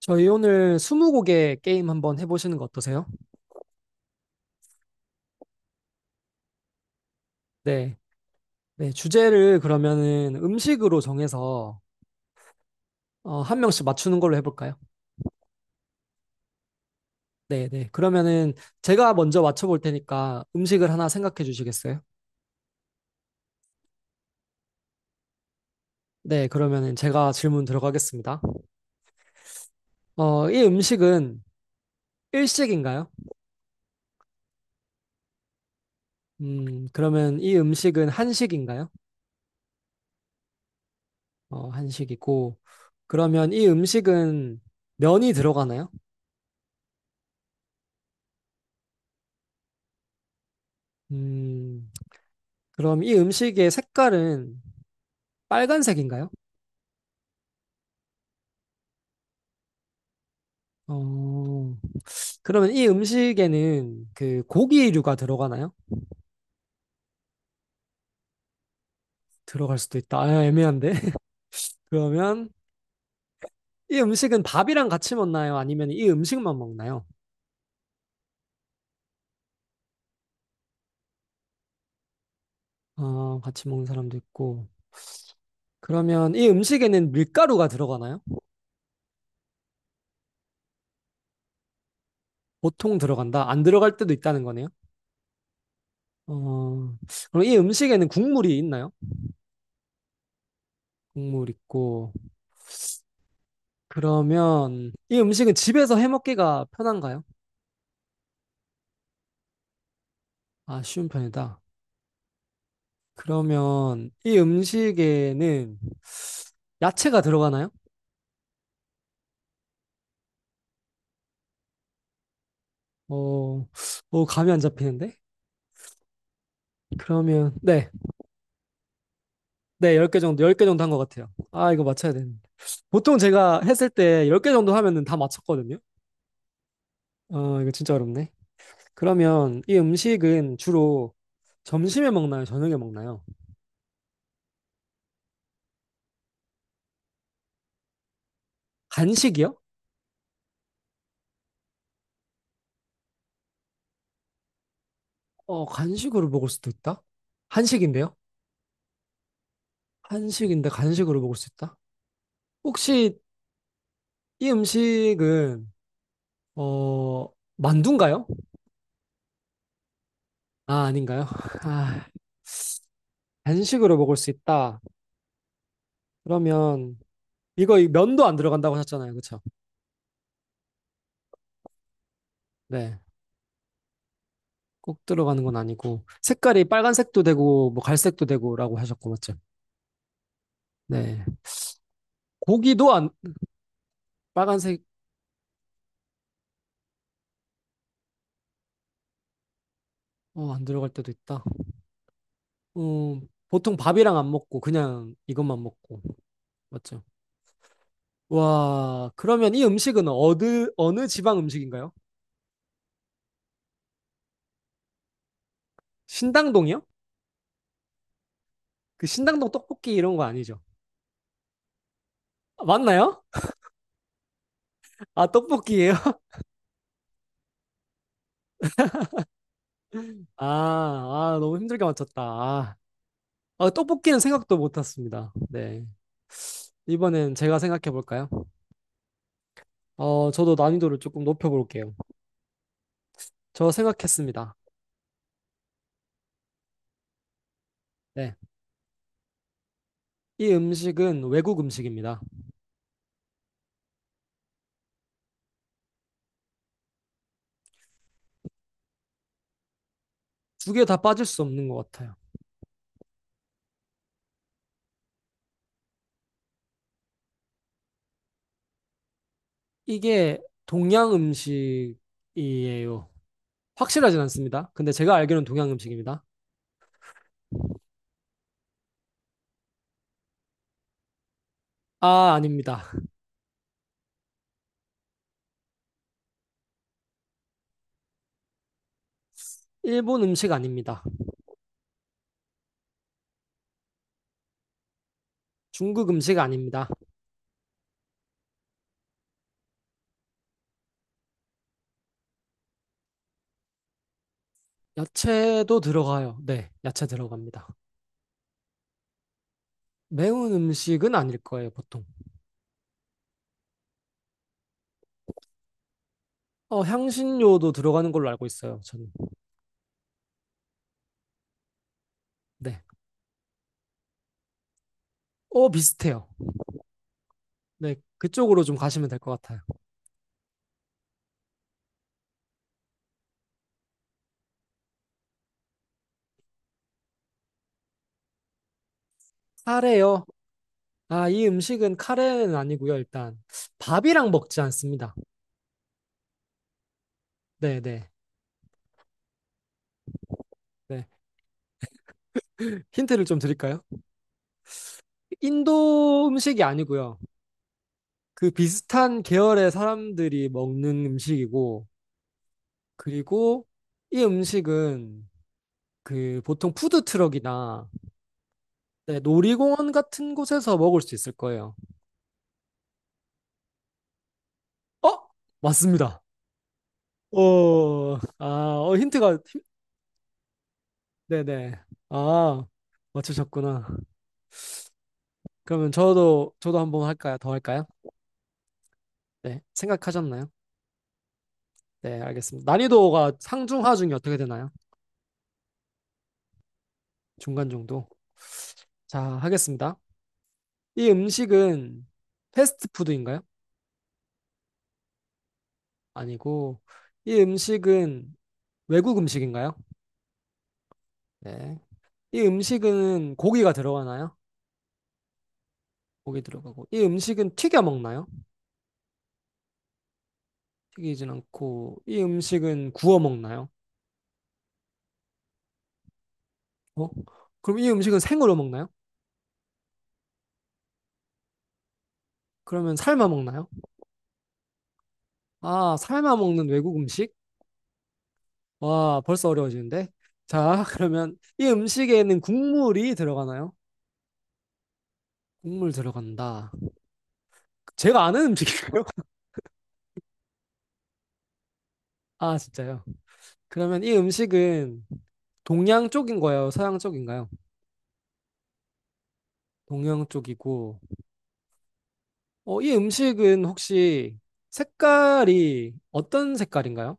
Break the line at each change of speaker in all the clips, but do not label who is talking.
저희 오늘 스무고개 게임 한번 해보시는 거 어떠세요? 네. 네, 주제를 그러면은 음식으로 정해서 한 명씩 맞추는 걸로 해볼까요? 네, 네. 그러면은 제가 먼저 맞춰볼 테니까 음식을 하나 생각해 주시겠어요? 네, 그러면은 제가 질문 들어가겠습니다. 이 음식은 일식인가요? 그러면 이 음식은 한식인가요? 어, 한식이고. 그러면 이 음식은 면이 들어가나요? 음, 그럼 이 음식의 색깔은 빨간색인가요? 어, 그러면 이 음식에는 그 고기류가 들어가나요? 들어갈 수도 있다. 아, 애매한데. 그러면 이 음식은 밥이랑 같이 먹나요? 아니면 이 음식만 먹나요? 어, 같이 먹는 사람도 있고. 그러면 이 음식에는 밀가루가 들어가나요? 보통 들어간다. 안 들어갈 때도 있다는 거네요. 어, 그럼 이 음식에는 국물이 있나요? 국물 있고. 그러면 이 음식은 집에서 해 먹기가 편한가요? 아, 쉬운 편이다. 그러면 이 음식에는 야채가 들어가나요? 어, 어, 감이 안 잡히는데? 그러면, 네, 네, 10개 정도, 10개 정도 한 것 같아요. 아, 이거 맞춰야 되는데. 보통 제가 했을 때 10개 정도 하면은 다 맞췄거든요? 어, 이거 진짜 어렵네. 그러면 이 음식은 주로 점심에 먹나요? 저녁에 먹나요? 간식이요? 어, 간식으로 먹을 수도 있다? 한식인데요? 한식인데 간식으로 먹을 수 있다? 혹시 이 음식은, 어, 만두인가요? 아, 아닌가요? 아, 간식으로 먹을 수 있다. 그러면 이거 이 면도 안 들어간다고 하셨잖아요. 그렇죠? 네. 꼭 들어가는 건 아니고 색깔이 빨간색도 되고 뭐 갈색도 되고라고 하셨고 맞죠? 네. 고기도 안 빨간색 어, 안 들어갈 때도 있다. 보통 밥이랑 안 먹고 그냥 이것만 먹고 맞죠? 와, 그러면 이 음식은 어느 어느 지방 음식인가요? 신당동이요? 그 신당동 떡볶이 이런 거 아니죠? 아, 맞나요? 아, 떡볶이예요? 아, 아, 너무 힘들게 맞췄다. 아, 어, 떡볶이는 생각도 못했습니다. 네. 이번엔 제가 생각해 볼까요? 어, 저도 난이도를 조금 높여 볼게요. 저 생각했습니다. 네. 이 음식은 외국 음식입니다. 두 개 다 빠질 수 없는 것 같아요. 이게 동양 음식이에요. 확실하진 않습니다. 근데 제가 알기로는 동양 음식입니다. 아, 아닙니다. 일본 음식 아닙니다. 중국 음식 아닙니다. 야채도 들어가요. 네, 야채 들어갑니다. 매운 음식은 아닐 거예요, 보통. 어, 향신료도 들어가는 걸로 알고 있어요, 저는. 네. 어, 비슷해요. 네, 그쪽으로 좀 가시면 될 것 같아요. 카레요. 아, 이 음식은 카레는 아니고요, 일단. 밥이랑 먹지 않습니다. 네, 네, 네. 힌트를 좀 드릴까요? 인도 음식이 아니고요. 그 비슷한 계열의 사람들이 먹는 음식이고, 그리고 이 음식은 그 보통 푸드트럭이나 네, 놀이공원 같은 곳에서 먹을 수 있을 거예요. 어? 맞습니다. 어, 아, 어, 힌트가, 힌- 네네. 아, 맞추셨구나. 그러면 저도, 저도 한번 할까요? 더 할까요? 네, 생각하셨나요? 네, 알겠습니다. 난이도가 상중, 하중이 어떻게 되나요? 중간 정도. 자, 하겠습니다. 이 음식은 패스트푸드인가요? 아니고, 이 음식은 외국 음식인가요? 네. 이 음식은 고기가 들어가나요? 고기 들어가고. 이 음식은 튀겨 먹나요? 튀기진 않고 이 음식은 구워 먹나요? 어? 그럼 이 음식은 생으로 먹나요? 그러면 삶아 먹나요? 아, 삶아 먹는 외국 음식? 와, 벌써 어려워지는데. 자, 그러면 이 음식에는 국물이 들어가나요? 국물 들어간다. 제가 아는 음식인가요? 아, 진짜요? 그러면 이 음식은 동양 쪽인 거예요? 서양 쪽인가요? 동양 쪽이고. 어, 이 음식은 혹시 색깔이 어떤 색깔인가요?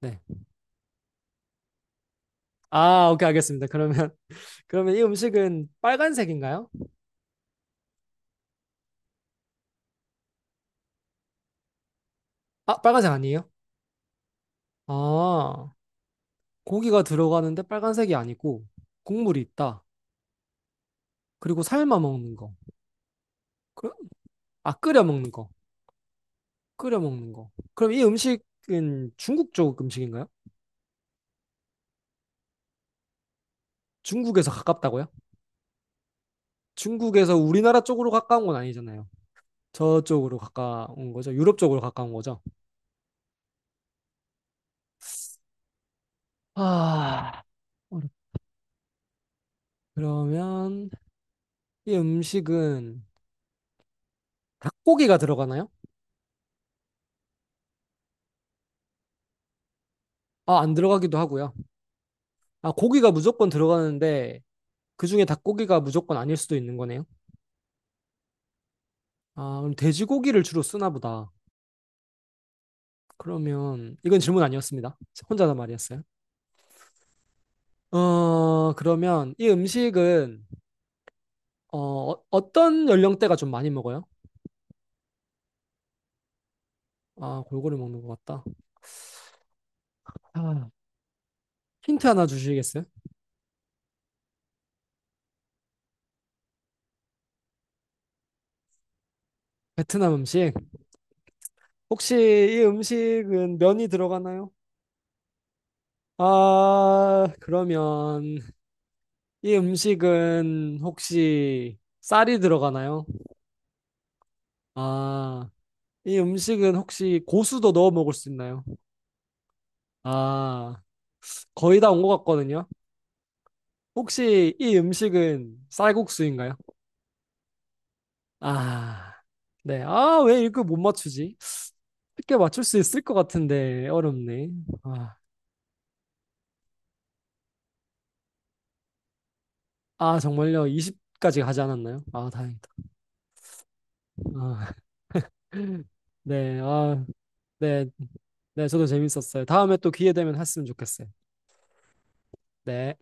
네. 아, 오케이, 알겠습니다. 그러면 이 음식은 빨간색인가요? 아, 빨간색 아니에요? 아, 고기가 들어가는데 빨간색이 아니고 국물이 있다. 그리고 삶아 먹는 거. 그, 아, 끓여 먹는 거. 끓여 먹는 거. 그럼 이 음식은 중국 쪽 음식인가요? 중국에서 가깝다고요? 중국에서 우리나라 쪽으로 가까운 건 아니잖아요. 저쪽으로 가까운 거죠. 유럽 쪽으로 가까운 거죠. 아, 어렵- 그러면 이 음식은 닭고기가 들어가나요? 아, 안 들어가기도 하고요. 아, 고기가 무조건 들어가는데 그중에 닭고기가 무조건 아닐 수도 있는 거네요. 아, 그럼 돼지고기를 주로 쓰나 보다. 그러면 이건 질문 아니었습니다. 혼자 다 말이었어요. 그러면 이 음식은 어, 어, 떤 연령대가 좀 많이 먹어요? 아, 골고루 먹는 것 같다. 아, 힌트 하나 주시겠어요? 베트남 음식. 혹시 이 음식은 면이 들어가나요? 아, 그러면 이 음식은 혹시 쌀이 들어가나요? 아, 이 음식은 혹시 고수도 넣어 먹을 수 있나요? 아, 거의 다 온 것 같거든요. 혹시 이 음식은 쌀국수인가요? 아, 네. 아, 왜 이거 못 맞추지? 쉽게 맞출 수 있을 것 같은데 어렵네. 아, 아 정말요? 20까지 가지 않았나요? 아, 다행이다. 아, 네. 아, 네. 네, 저도 재밌었어요. 다음에 또 기회 되면 했으면 좋겠어요. 네.